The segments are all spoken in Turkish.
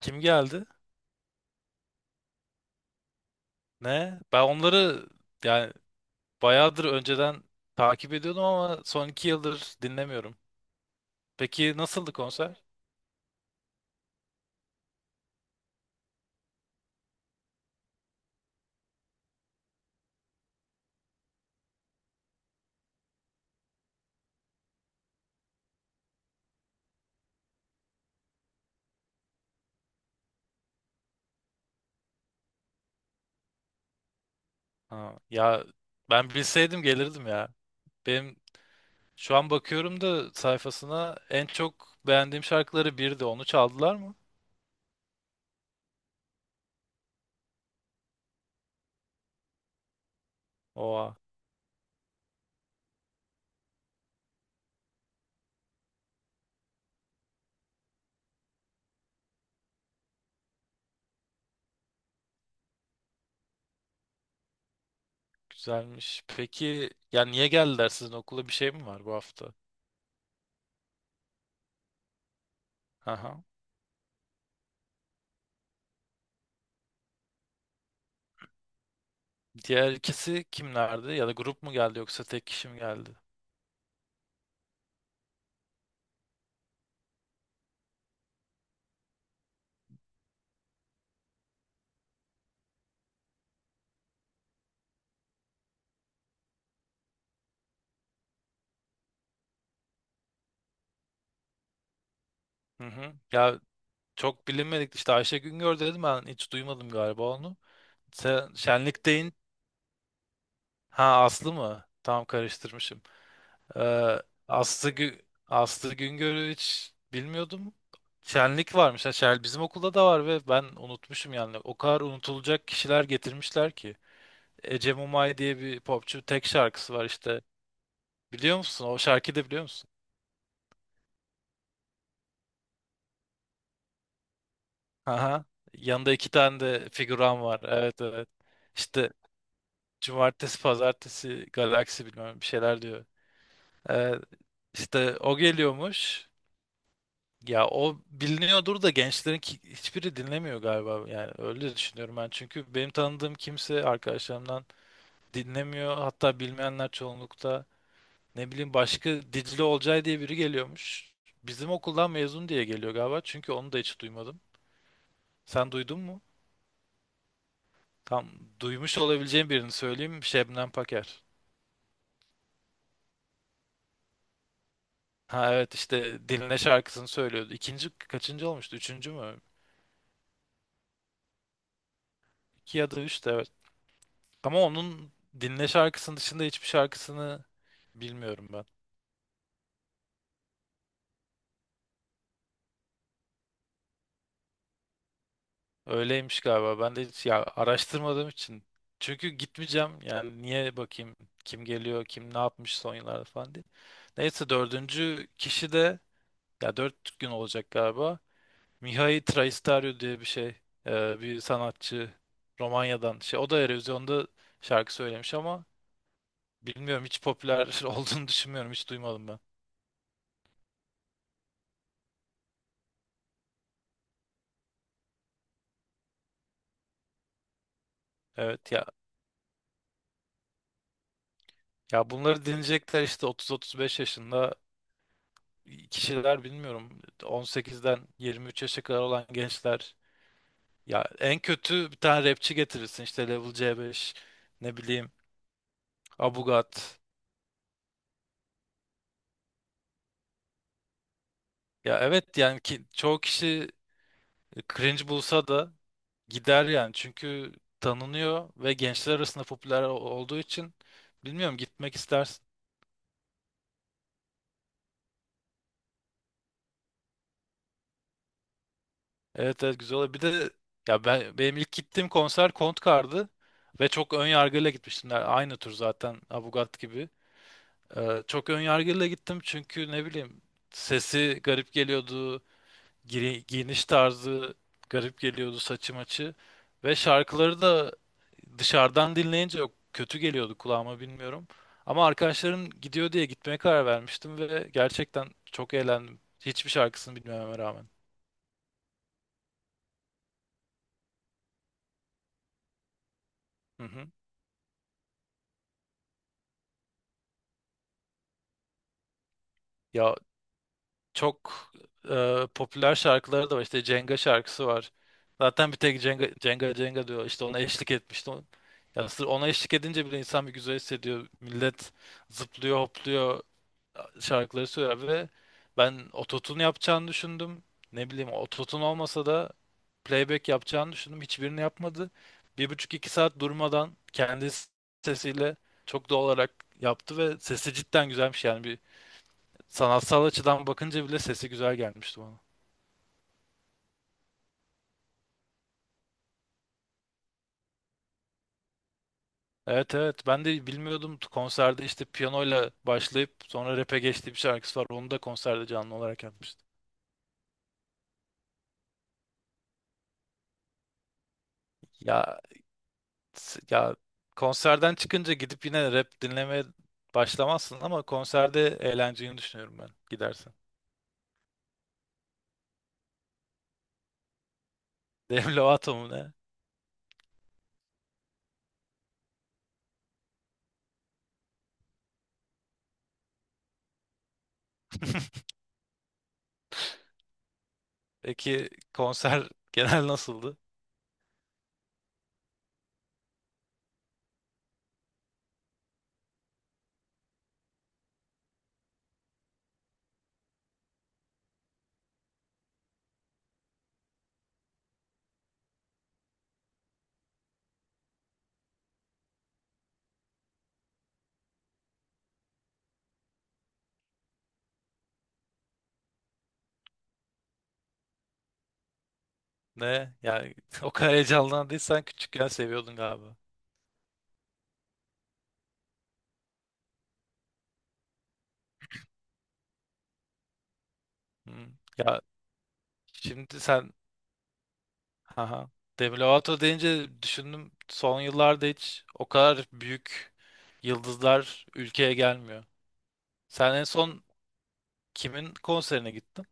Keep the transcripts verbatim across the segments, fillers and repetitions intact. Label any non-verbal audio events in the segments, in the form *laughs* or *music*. Kim geldi? Ne? Ben onları yani bayağıdır önceden takip ediyordum ama son iki yıldır dinlemiyorum. Peki nasıldı konser? Ha, ya ben bilseydim gelirdim ya. Benim şu an bakıyorum da sayfasına, en çok beğendiğim şarkıları birdi. Onu çaldılar mı? Oha, güzelmiş. Peki ya niye geldiler sizin okula, bir şey mi var bu hafta? Aha. Diğer ikisi kimlerdi? Ya da grup mu geldi yoksa tek kişi mi geldi? Hı hı. Ya, çok bilinmedik işte, Ayşe Güngör dedim, ben hiç duymadım galiba onu. Sen, Şenlik deyin. Ha, Aslı mı? Tam karıştırmışım. Ee, Aslı, Gü Aslı Güngör'ü hiç bilmiyordum. Şenlik varmış. Ha, şen- bizim okulda da var ve ben unutmuşum yani. O kadar unutulacak kişiler getirmişler ki. Ece Mumay diye bir popçu, tek şarkısı var işte. Biliyor musun? O şarkıyı da biliyor musun? Aha. Yanında iki tane de figüran var. Evet, evet. İşte Cumartesi, pazartesi, galaksi bilmem bir şeyler diyor. Ee, işte o geliyormuş. Ya o biliniyordur da gençlerin ki- hiçbiri dinlemiyor galiba. Yani öyle düşünüyorum ben. Çünkü benim tanıdığım kimse, arkadaşlarımdan dinlemiyor. Hatta bilmeyenler çoğunlukta. Ne bileyim, başka Dicle Olcay diye biri geliyormuş. Bizim okuldan mezun diye geliyor galiba, çünkü onu da hiç duymadım. Sen duydun mu? Tam duymuş olabileceğim birini söyleyeyim. Şebnem Paker. Ha, evet, işte Diline şarkısını söylüyordu. İkinci kaçıncı olmuştu? Üçüncü mü? İki ya da üç de, evet. Ama onun, Diline şarkısının dışında hiçbir şarkısını bilmiyorum ben. Öyleymiş galiba. Ben de hiç ya araştırmadığım için. Çünkü gitmeyeceğim. Yani niye bakayım kim geliyor, kim ne yapmış son yıllarda falan diye. Neyse, dördüncü kişi de, ya dört gün olacak galiba. Mihai Traistariu diye bir şey. Ee, bir sanatçı Romanya'dan. Şey, o da Eurovision'da şarkı söylemiş ama bilmiyorum, hiç popüler *laughs* olduğunu düşünmüyorum. Hiç duymadım ben. Evet ya, ya bunları dinleyecekler işte, otuz otuz beş yaşında kişiler, bilmiyorum. on sekizden yirmi üç yaşa kadar olan gençler. Ya en kötü bir tane rapçi getirirsin, işte Level C beş, ne bileyim, Abugat. Ya, evet yani ki, çoğu kişi cringe bulsa da gider yani, çünkü tanınıyor ve gençler arasında popüler olduğu için, bilmiyorum, gitmek istersin. Evet, evet, güzel oldu. Bir de ya ben benim ilk gittiğim konser Kontkar'dı ve çok ön yargıyla gitmiştim. Yani aynı tur zaten, Abugat gibi. Ee, çok ön yargıyla gittim, çünkü ne bileyim, sesi garip geliyordu, giri- giyiniş tarzı garip geliyordu, saçı maçı ve şarkıları da dışarıdan dinleyince, yok, kötü geliyordu kulağıma, bilmiyorum. Ama arkadaşlarım gidiyor diye gitmeye karar vermiştim ve gerçekten çok eğlendim, hiçbir şarkısını bilmeme rağmen. Hı hı. Ya çok e, popüler şarkıları da var. İşte Cenga şarkısı var. Zaten bir tek Cenga Cenga Cenga diyor. İşte ona eşlik etmişti. O- Ya sırf ona eşlik edince bile insan bir güzel hissediyor. Millet zıplıyor, hopluyor, şarkıları söylüyor ve ben ototune yapacağını düşündüm. Ne bileyim, ototune olmasa da playback yapacağını düşündüm. Hiçbirini yapmadı. Bir buçuk iki saat durmadan kendi sesiyle çok doğal olarak yaptı ve sesi cidden güzelmiş yani. Sanatsal açıdan bakınca bile sesi güzel gelmişti bana. Evet, evet, ben de bilmiyordum, konserde işte piyanoyla başlayıp sonra rap'e geçtiği bir şarkısı var, onu da konserde canlı olarak yapmıştı. Ya s- ya konserden çıkınca gidip yine rap dinlemeye başlamazsın ama konserde eğlenceyi düşünüyorum ben, gidersen. *laughs* Demi Lovato mu ne? *laughs* Peki konser genel nasıldı? Ne? Yani *laughs* o kadar heyecanlandıysan küçükken seviyordun galiba. Hmm. Ya şimdi sen Haha. Demi Lovato deyince düşündüm, son yıllarda hiç o kadar büyük yıldızlar ülkeye gelmiyor. Sen en son kimin konserine gittin?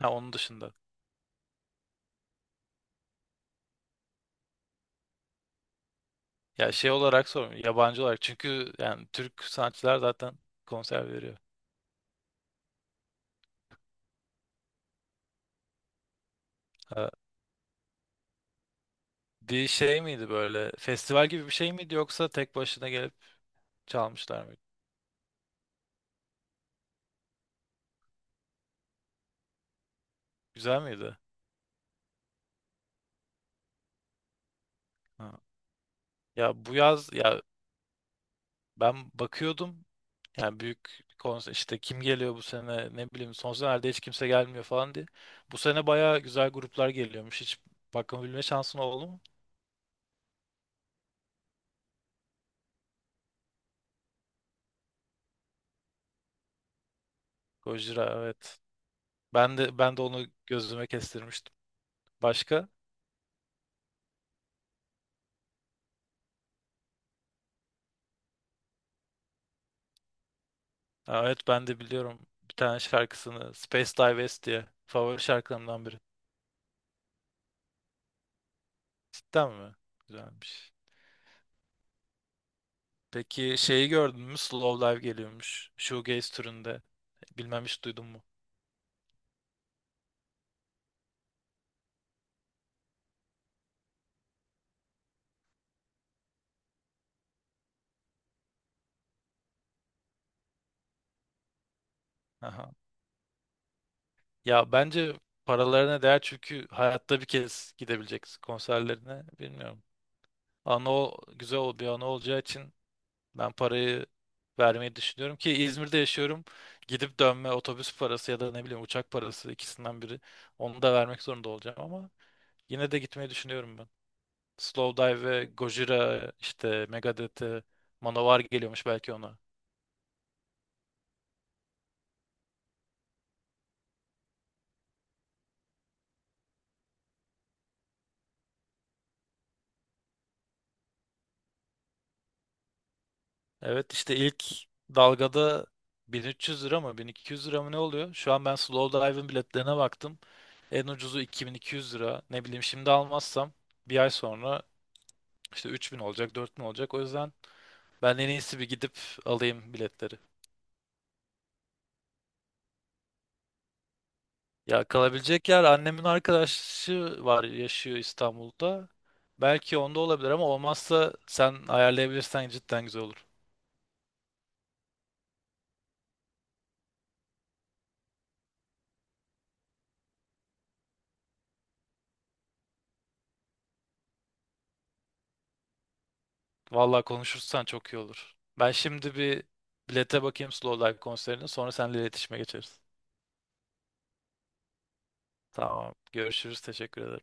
Ha, onun dışında. Ya şey olarak sormuyorum, yabancı olarak, çünkü yani Türk sanatçılar zaten konser veriyor. Ha, bir şey miydi böyle, festival gibi bir şey miydi, yoksa tek başına gelip çalmışlar mıydı? Güzel miydi? Ha. Ya bu yaz ya ben bakıyordum, yani büyük konser işte, kim geliyor bu sene, ne bileyim, son senelerde hiç kimse gelmiyor falan diye. Bu sene bayağı güzel gruplar geliyormuş. Hiç bakabilme şansın oldu mu? Gojira, evet. Ben de ben de onu gözüme kestirmiştim. Başka? Ha, evet, ben de biliyorum bir tane şarkısını, Space Dive S diye, favori şarkılarımdan biri. Cidden mi? Güzelmiş. Peki şeyi gördün mü? Slow Live geliyormuş, shoegaze türünde. Bilmem, hiç duydun mu? Aha. Ya bence paralarına değer, çünkü hayatta bir kez gidebileceksin konserlerine. Bilmiyorum. Anı o, güzel ol- Bir anı olacağı için ben parayı vermeyi düşünüyorum, ki İzmir'de yaşıyorum. Gidip dönme otobüs parası ya da ne bileyim uçak parası, ikisinden biri. Onu da vermek zorunda olacağım ama yine de gitmeyi düşünüyorum ben. Slowdive ve Gojira işte, Megadeth'e Manowar geliyormuş belki, ona. Evet, işte ilk dalgada bin üç yüz lira mı bin iki yüz lira mı ne oluyor? Şu an ben Slowdive'ın biletlerine baktım. En ucuzu iki bin iki yüz lira. Ne bileyim, şimdi almazsam bir ay sonra işte üç bin olacak, dört bin olacak. O yüzden ben, en iyisi bir gidip alayım biletleri. Ya kalabilecek yer, annemin arkadaşı var, yaşıyor İstanbul'da. Belki onda olabilir ama olmazsa sen ayarlayabilirsen cidden güzel olur. Vallahi konuşursan çok iyi olur. Ben şimdi bir bilete bakayım Slowdive konserine, sonra seninle iletişime geçeriz. Tamam. Görüşürüz. Teşekkür ederim.